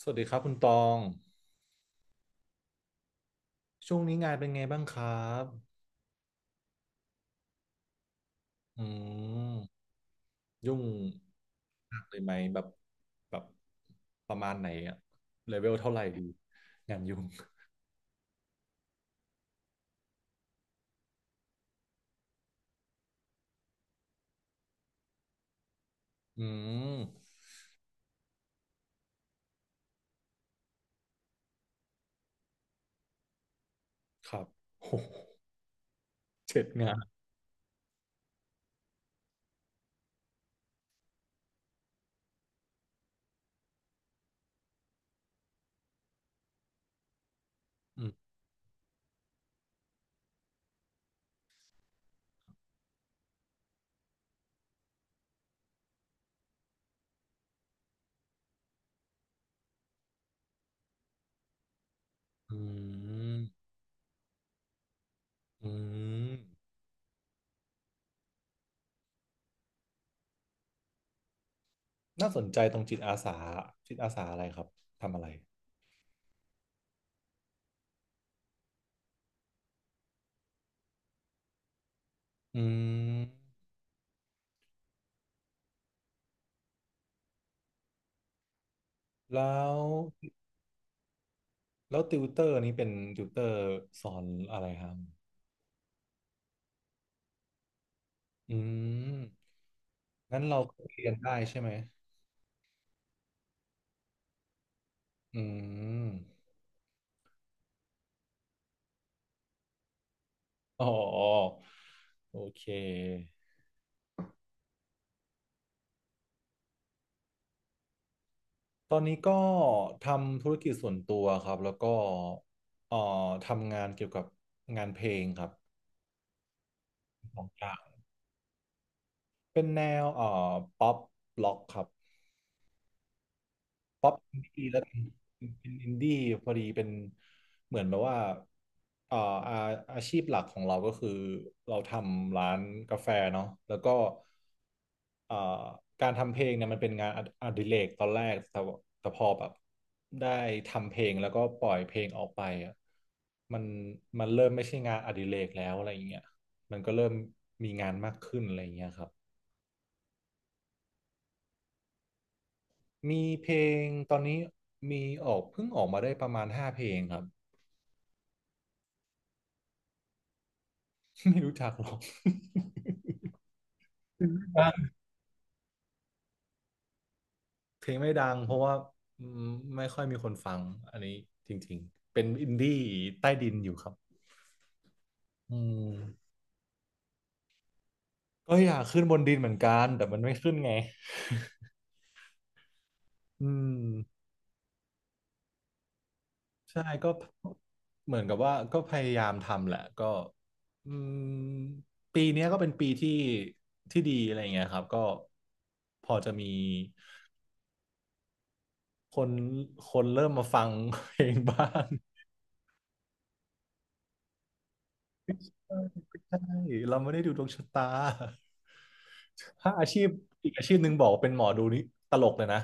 สวัสดีครับคุณตอง ช่วงนี้งานเป็นไงบ้างครับอืมยุ่งหนักเลยไหมแบบประมาณไหนอะเลเวลเท่าไหร่ดี งานยุ่งอืมครับ โหเจ็ดงานอืมอืมอืม น่าสนใจตรงจิตอาสาจิตอาสาอะไรครับ ทำอะไร อืมแล้วแล้วติวเตอร์นี้เป็นติวเตอร์สอนอะไรครับ อืม งั้นเราก็เรียนได้ใช่ไหม อืมอ๋อโอเค ตอนนี้ก็ทำธุรกิจส่วนตัวครับ แล้วก็เอ่อทำงานเกี่ยวกับงานเพลงครับของกลางเป็นแนวป๊อปล็อกครับ ดีแล้วกันเป็นอินดี้พอดีเป็นเหมือนแบบว่าเอ่ออาอาชีพหลักของเราก็คือเราทำร้านกาแฟเนาะแล้วก็เอ่อการทำเพลงเนี่ยมันเป็นงานอดิเรกตอนแรกแต่พอแบบได้ทำเพลงแล้วก็ปล่อยเพลงออกไปอ่ะมันมันเริ่มไม่ใช่งานอดิเรกแล้วอะไรอย่างเงี้ยมันก็เริ่มมีครับมีเพลงตอนนี้มีออกเพิ่งออกมาได้ประมาณห้าเพลงครับ ไม่รู้จักหรอก เพลงไม่ดังเพลงไม่ดังเพราะว่าอืมไม่ค่อยมีคนฟังอันนี้จริงๆเป็นอินดี้ใต้ดินอยู่ครับอืมก็อยากขึ้นบนดินเหมือนกันแต่มันไม่ขึ้นไงอืมใช่ก็เหมือนกับว่าก็พยายามทำแหละก็อืมปีเนี้ยก็เป็นปีที่ดีอะไรเงี้ยครับก็พอจะมีคนคนเริ่มมาฟังเพลงบ้างใช่เราไม่ได้ดูดวงชะตา ถ้าอาชีพอีกอาชีพหนึ่งบอกว่าเป็นหมอดูนี่ตลกเลยนะ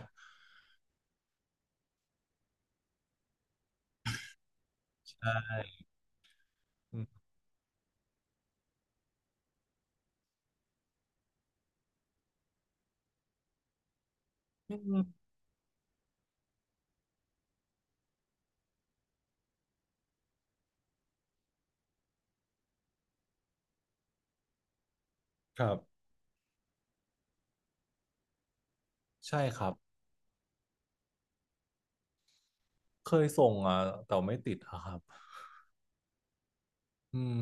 ใช่อืมครับใช่ครับเคยส่งอ่ะแต่ไม่ติดอะครับอืม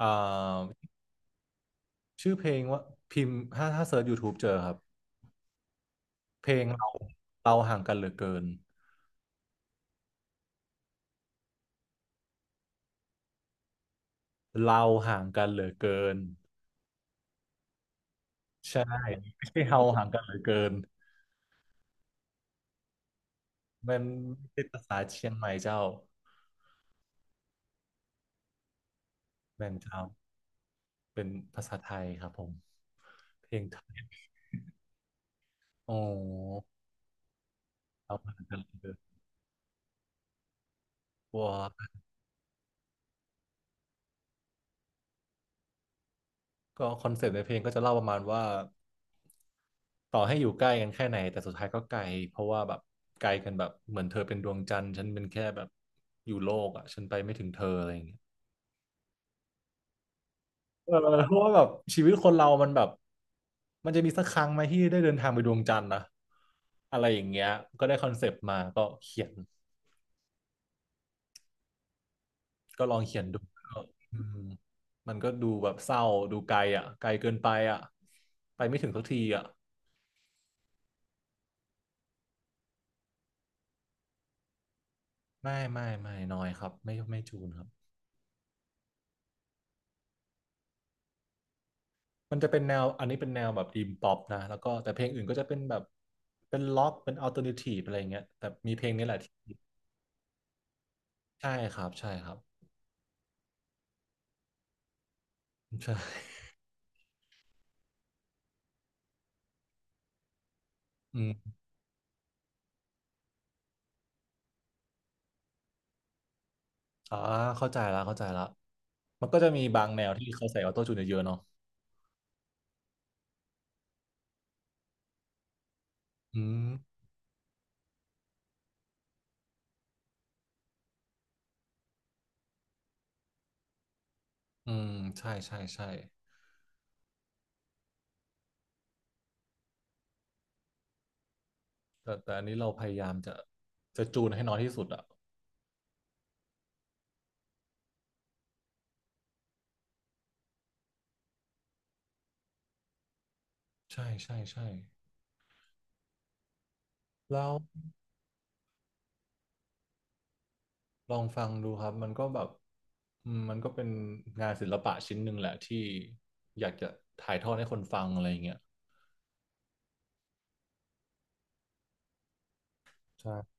อ่าชื่อเพลงว่าพิมพ์ถ้าเซิร์ช YouTube เจอครับเพลงเราเราห่างกันเหลือเกินเราห่างกันเหลือเกินใช่ไม่ใช่เราห่างกันเหลือเกินมันเป็นภาษาเชียงใหม่เจ้าแม่นเจ้าเป็นภาษาไทยครับผมเพลงไทยโอ้เราห่างกันเหลือเกินว้า ก็คอนเซปต์ในเพลงก็จะเล่าประมาณว่าต่อให้อยู่ใกล้กันแค่ไหนแต่สุดท้ายก็ไกลเพราะว่าแบบไกลกันแบบเหมือนเธอเป็นดวงจันทร์ฉันเป็นแค่แบบอยู่โลกอ่ะฉันไปไม่ถึงเธออะไรอย่างเงี้ยเออเพราะว่าแบบชีวิตคนเรามันแบบมันจะมีสักครั้งไหมที่ได้เดินทางไปดวงจันทร์นะอะไรอย่างเงี้ยก็ได้คอนเซปต์มาก็เขียนก็ลองเขียนดูก็อืมมันก็ดูแบบเศร้าดูไกลอ่ะไกลเกินไปอ่ะไปไม่ถึงสักทีอ่ะไม่ไม่ไม่น้อยครับไม่ไม่จูนครับ มันจะเป็นแนวอันนี้เป็นแนวแบบอีมป๊อปนะแล้วก็แต่เพลงอื่นก็จะเป็นแบบเป็นล็อกเป็นอัลเทอร์เนทีฟอะไรอย่างเงี้ยแต่มีเพลงนี้แหละที่ใช่ครับใช่ครับ ใช่อืมอ่าเข้าใจละเข้าใจละมันก็จะมีบางแนวที่เขาใส่ออโต้จูนเยอะๆเนาะอืมอืมใช่ใช่ใช่แต่อันนี้เราพยายามจะจูนให้น้อยที่สุดอ่ะใช่ใช่ใช่แล้วลองฟังดูครับมันก็แบบมันก็เป็นงานศิลปะชิ้นหนึ่งแหละที่อยากจะถ่ายทอดให้คนฟังอะไรอย่างเงี้ย ใช่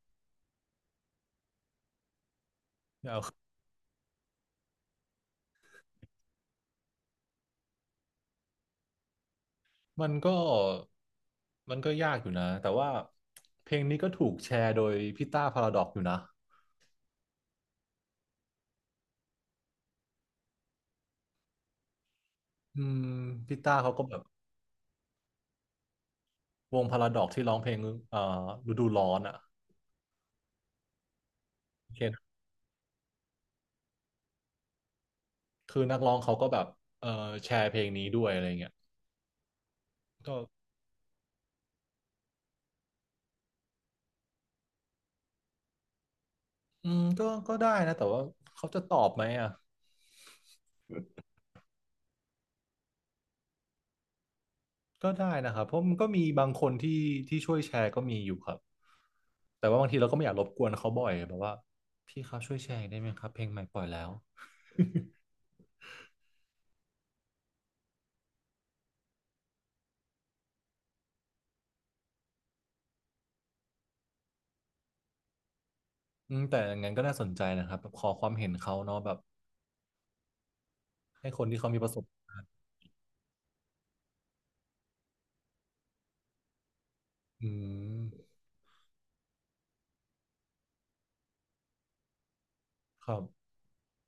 มันก็ มันก็ยากอยู่นะ แต่ว่าเพลงนี้ก็ถูกแชร์โดยพี่ต้าพาราดอกอยู่นะอืมพี่ต้าเขาก็แบบวงพาราดอกที่ร้องเพลงเอ่อฤดูร้อนอ่ะโอเคนะคือนักร้องเขาก็แบบเอ่อแชร์เพลงนี้ด้วยอะไรเงี้ยก็ก็ได้นะ แต่ว่าเขาจะตอบไหมอ่ะก็ได้นะครับเพราะมันก็มีบางคนที่ช่วยแชร์ก็มีอยู่ครับแต่ว่าบางทีเราก็ไม่อยากรบกวนเขาบ่อยแบบว่าพี่ครับช่วยแชร์ได้ไหมครับเพลงใหม่ปล่อยแล้ว แต่อย่างนั้นก็น่าสนใจนะครับแบบขอความเห็นเขาเนาะแบบให้คนที่เขามีประสบอืมครับ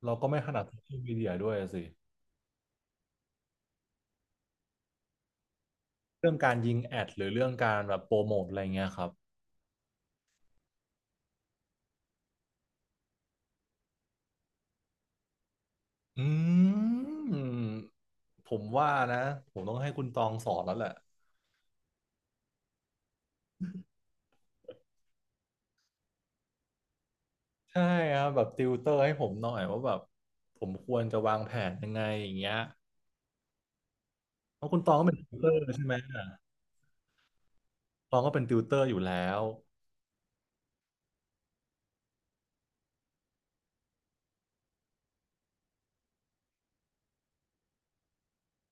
เราก็ไม่ถนัดโซเชียลมีเดียด้วยสิเรื่องการยิงแอดหรือเรื่องการแบบโปรโมทอะไรเงี้ยครับอืมผมว่านะผมต้องให้คุณตองสอนแล้วแหละใช่ครับแบบติวเตอร์ให้ผมหน่อยว่าแบบผมควรจะวางแผนยังไงอย่างเงี้ยเพราะคุณตองก็เป็นติวเตอร์ใช่ไหมอ่ะตองก็เป็นติวเตอร์อยู่แล้ว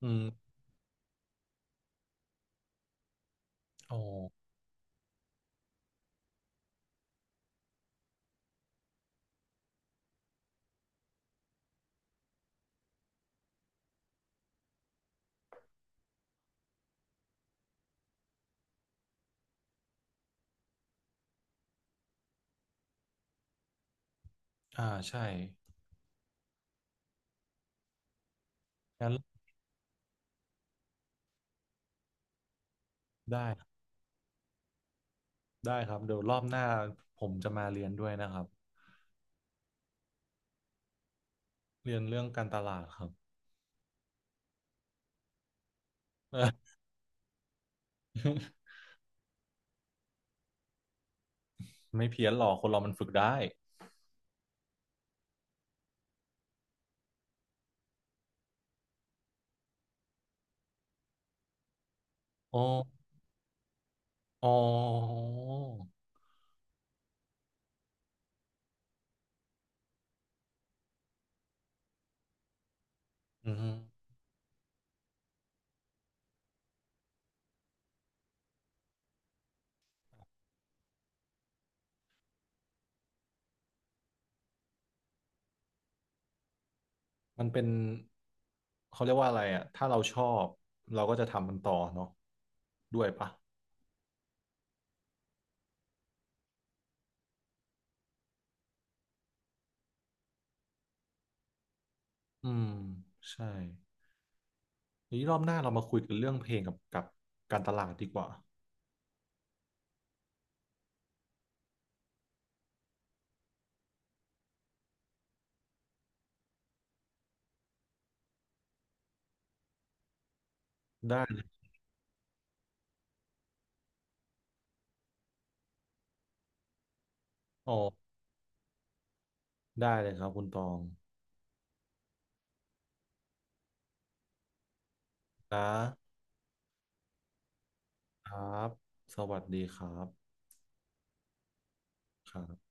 อืมอ๋ออ่าใช่งั้นได้ ได้ครับเดี๋ยวรอบหน้าผมจะมาเรียนด้วยนะครับเรียนเรื่องการตลาดครับ ไม่เพี้ยนหรอกคนเรามันฝึกได้อ๋ออ๋ออืมมันเป็นเขาเรียกว่าอะไรอ่ะถ้าเราชอบเราก็จะทำมันต่อเนาะด้วยปะอืมใช่ทีนี้รอบหน้าเรามาคุยกันเรื่องเพลงกับการตลาดดีกว่าได้เลยอ๋อได้เลยครับคุณตองนะครับสวัสดีครับครับ